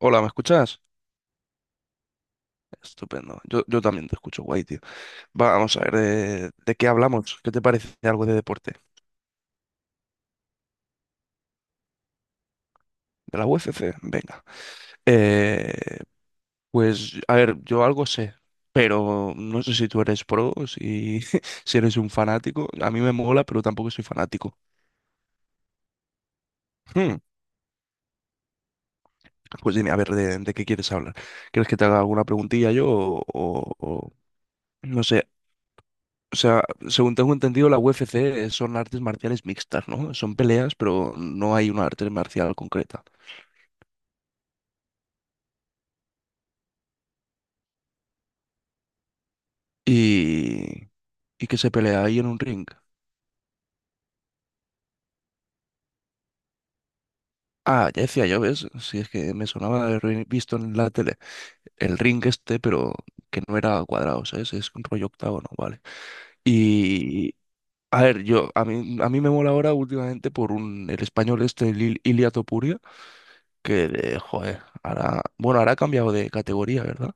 Hola, ¿me escuchas? Estupendo. Yo también te escucho, guay, tío. Vamos a ver, ¿de qué hablamos? ¿Qué te parece algo de deporte? ¿De la UFC? Venga. Eh, pues, a ver, yo algo sé, pero no sé si tú eres pro, si, si eres un fanático. A mí me mola, pero tampoco soy fanático. Hmm, Pues dime, a ver, ¿de qué quieres hablar? ¿Quieres que te haga alguna preguntilla yo o no sé? O sea, según tengo entendido, la UFC son artes marciales mixtas, ¿no? Son peleas, pero no hay una arte marcial concreta. Y, y que se pelea ahí en un ring. Ah, ya decía yo, ¿ves? Si es que me sonaba de haber visto en la tele el ring este, pero que no era cuadrado, ¿sabes? Es un rollo octágono, vale. Y, a ver, yo, a mí me mola ahora últimamente por el español este, el Ilia Topuria, que, de, joder, ahora, bueno, ahora ha cambiado de categoría, ¿verdad?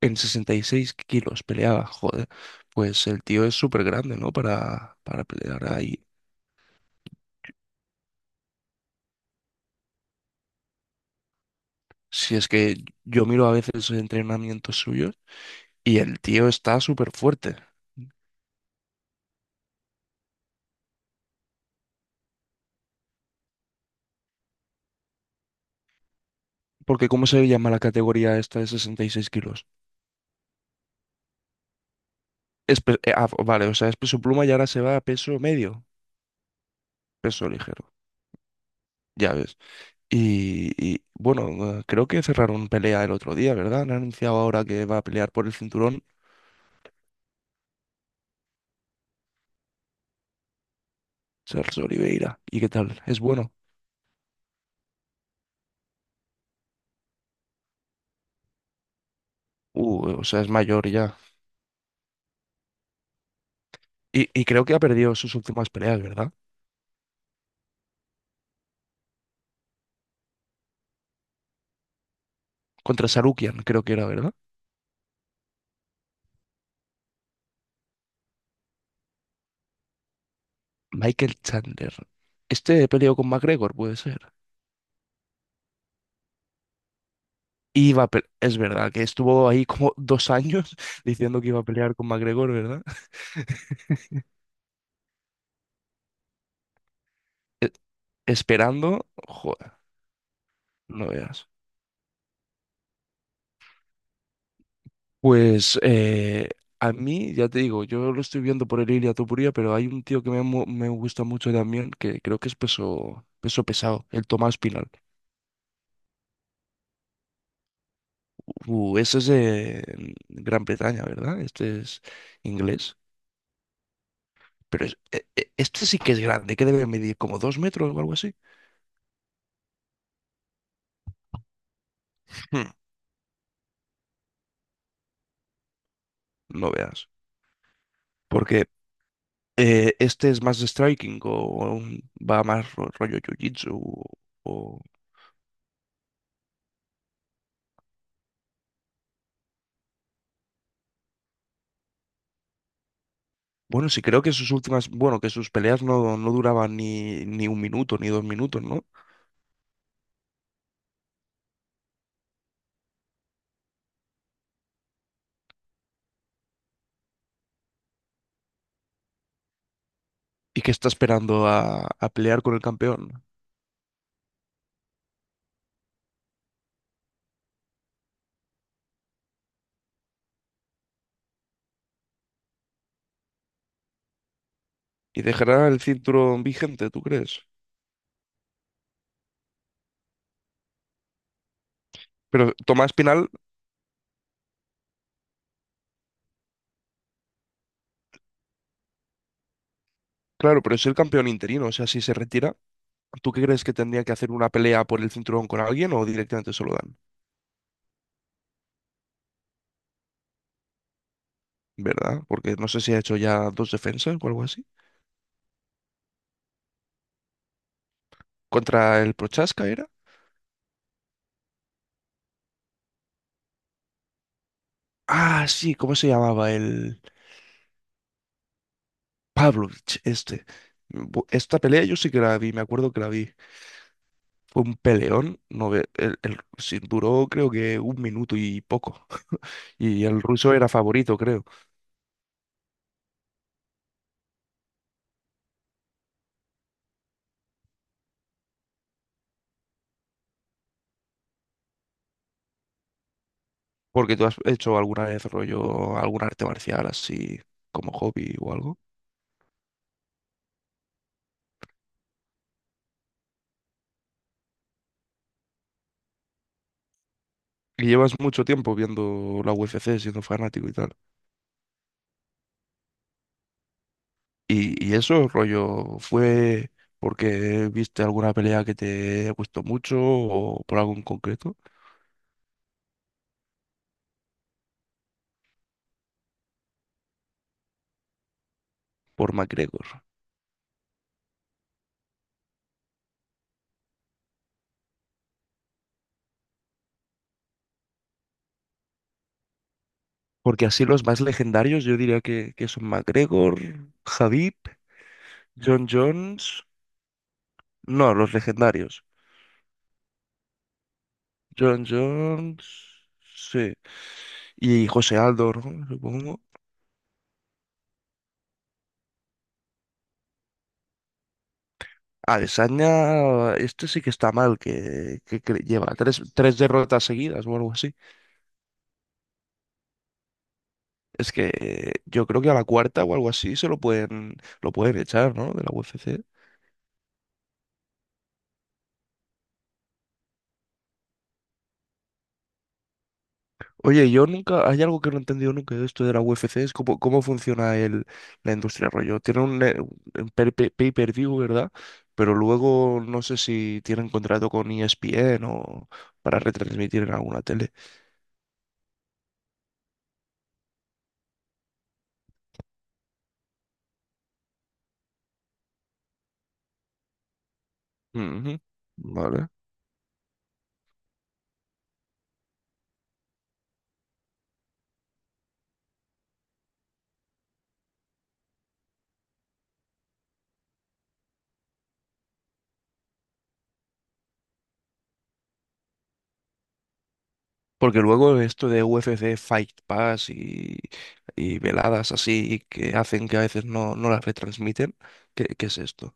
En 66 kilos peleaba, joder. Pues el tío es súper grande, ¿no? Para pelear ahí. Si es que yo miro a veces entrenamientos suyos y el tío está súper fuerte. Porque ¿cómo se llama la categoría esta de 66 kilos? Es vale, o sea, es peso pluma y ahora se va a peso peso ligero, ya ves. Y bueno, creo que cerraron pelea el otro día, ¿verdad? Han anunciado ahora que va a pelear por el cinturón Charles Oliveira. ¿Y qué tal? Es bueno. O sea, es mayor ya. Y creo que ha perdido sus últimas peleas, ¿verdad? Contra Sarukian, creo que era, ¿verdad? Michael Chandler. Este peleó con McGregor, puede ser. Y es verdad que estuvo ahí como dos años diciendo que iba a pelear con McGregor, ¿verdad? E- Esperando. Joder, no veas. Pues a mí, ya te digo, yo lo estoy viendo por el Ilia Topuria, pero hay un tío que me gusta mucho también, que creo que es peso pesado, el Tomás Pinal. Eso es de Gran Bretaña, ¿verdad? Este es inglés. Pero este sí que es grande, que debe medir como dos metros o algo así. Hmm, no veas. Porque este es más de striking o va más rollo jiu-jitsu. O- Bueno, sí, creo que sus últimas. Bueno, que sus peleas no duraban ni un minuto ni dos minutos, ¿no? Y que está esperando a pelear con el campeón. ¿Y dejará el cinturón vigente, tú crees? Pero Tomás Pinal Claro, pero es el campeón interino, o sea, si se retira, ¿tú qué crees que tendría que hacer una pelea por el cinturón con alguien o directamente se lo dan? ¿Verdad? Porque no sé si ha hecho ya dos defensas o algo así. ¿Contra el Prochaska era? Ah, sí, ¿cómo se llamaba? El Pavlovich, este. Esta pelea yo sí que la vi, me acuerdo que la vi. Fue un peleón, no ve- el- sí, duró creo que un minuto y poco. Y el ruso era favorito, creo. Porque tú has hecho alguna vez rollo, algún arte marcial así como hobby o algo. Y llevas mucho tiempo viendo la UFC, siendo fanático y tal. Y eso, rollo, ¿fue porque viste alguna pelea que te gustó mucho o por algo en concreto? Por McGregor. Porque así los más legendarios yo diría que son McGregor, Khabib, John Jones. No, los legendarios. John Jones, sí. Y José Aldo, ¿no? Supongo. Adesanya, este sí que está mal, lleva tres derrotas seguidas o algo así. Es que yo creo que a la cuarta o algo así se lo lo pueden echar, ¿no? De la UFC. Oye, yo nunca, hay algo que no he entendido nunca de esto de la UFC, es cómo funciona la industria rollo. Tienen un pay-per-view, ¿verdad? Pero luego no sé si tienen contrato con ESPN o para retransmitir en alguna tele. Ujú. Vale. Porque luego esto de UFC Fight Pass y veladas así que hacen que a veces no las retransmiten, qué es esto?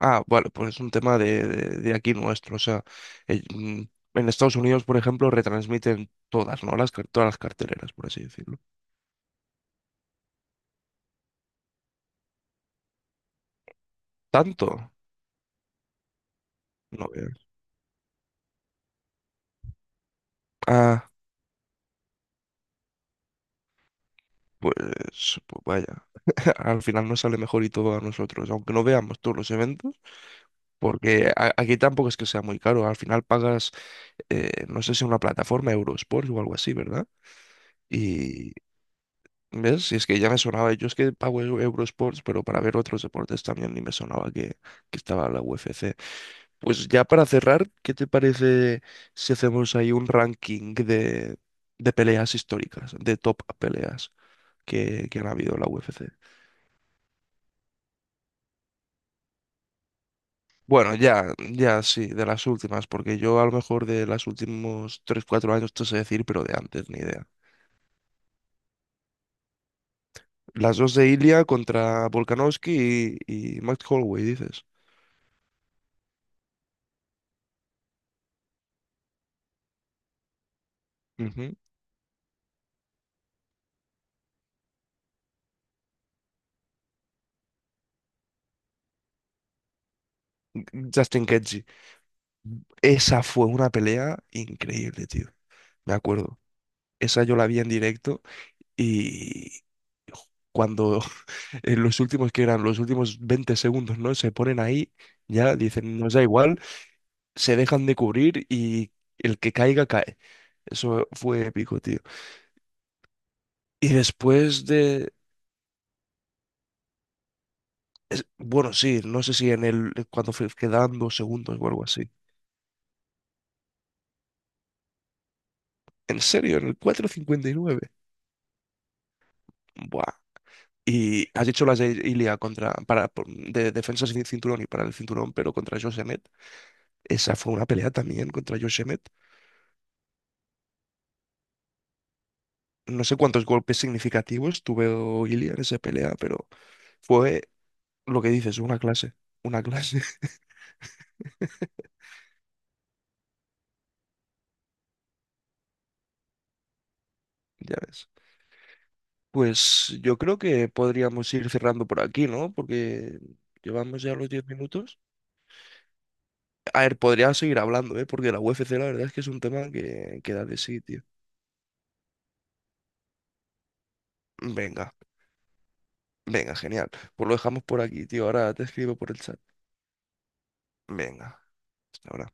Ah, vale, pues es un tema de, de aquí nuestro. O sea, eh, mm, en Estados Unidos, por ejemplo, retransmiten todas, ¿no? Todas las carteleras, por así decirlo. ¿Tanto? No veo. Ah, pues, pues vaya. Al final nos sale mejor y todo a nosotros, aunque no veamos todos los eventos, porque aquí tampoco es que sea muy caro. Al final pagas, no sé si una plataforma, Eurosport o algo así, ¿verdad? ¿Ves? Si es que ya me sonaba, yo es que pago Eurosports, pero para ver otros deportes también ni me sonaba que estaba la UFC. Pues ya para cerrar, ¿qué te parece si hacemos ahí un ranking de peleas históricas, de top peleas que han habido en la UFC? Bueno, ya sí, de las últimas, porque yo a lo mejor de los últimos tres cuatro años te sé decir, pero de antes ni idea. Las dos de Ilia contra Volkanovski y Max Holloway, dices. Ujú. Justin Gaethje. Esa fue una pelea increíble, tío. Me acuerdo. Esa yo la vi en directo y cuando en los últimos que eran los últimos 20 segundos, ¿no? Se ponen ahí, ya dicen, nos da igual, se dejan de cubrir y el que caiga cae. Eso fue épico, tío. Y después de bueno, sí, no sé si en el quedaban dos segundos o algo así. ¿En serio? ¿En el 4:59? Buah. Y has dicho las de Ilia de defensa sin cinturón y para el cinturón, pero contra Josh Emmett. Esa fue una pelea también contra Josh Emmett. No sé cuántos golpes significativos tuvo Ilia en esa pelea, pero fue lo que dices, una clase. Una clase, ya ves. Pues yo creo que podríamos ir cerrando por aquí, ¿no? Porque llevamos ya los 10 minutos. A ver, podría seguir hablando, ¿eh? Porque la UFC la verdad es que es un tema que da de sí, tío. Venga, venga, genial. Pues lo dejamos por aquí, tío. Ahora te escribo por el chat. Venga, hasta ahora.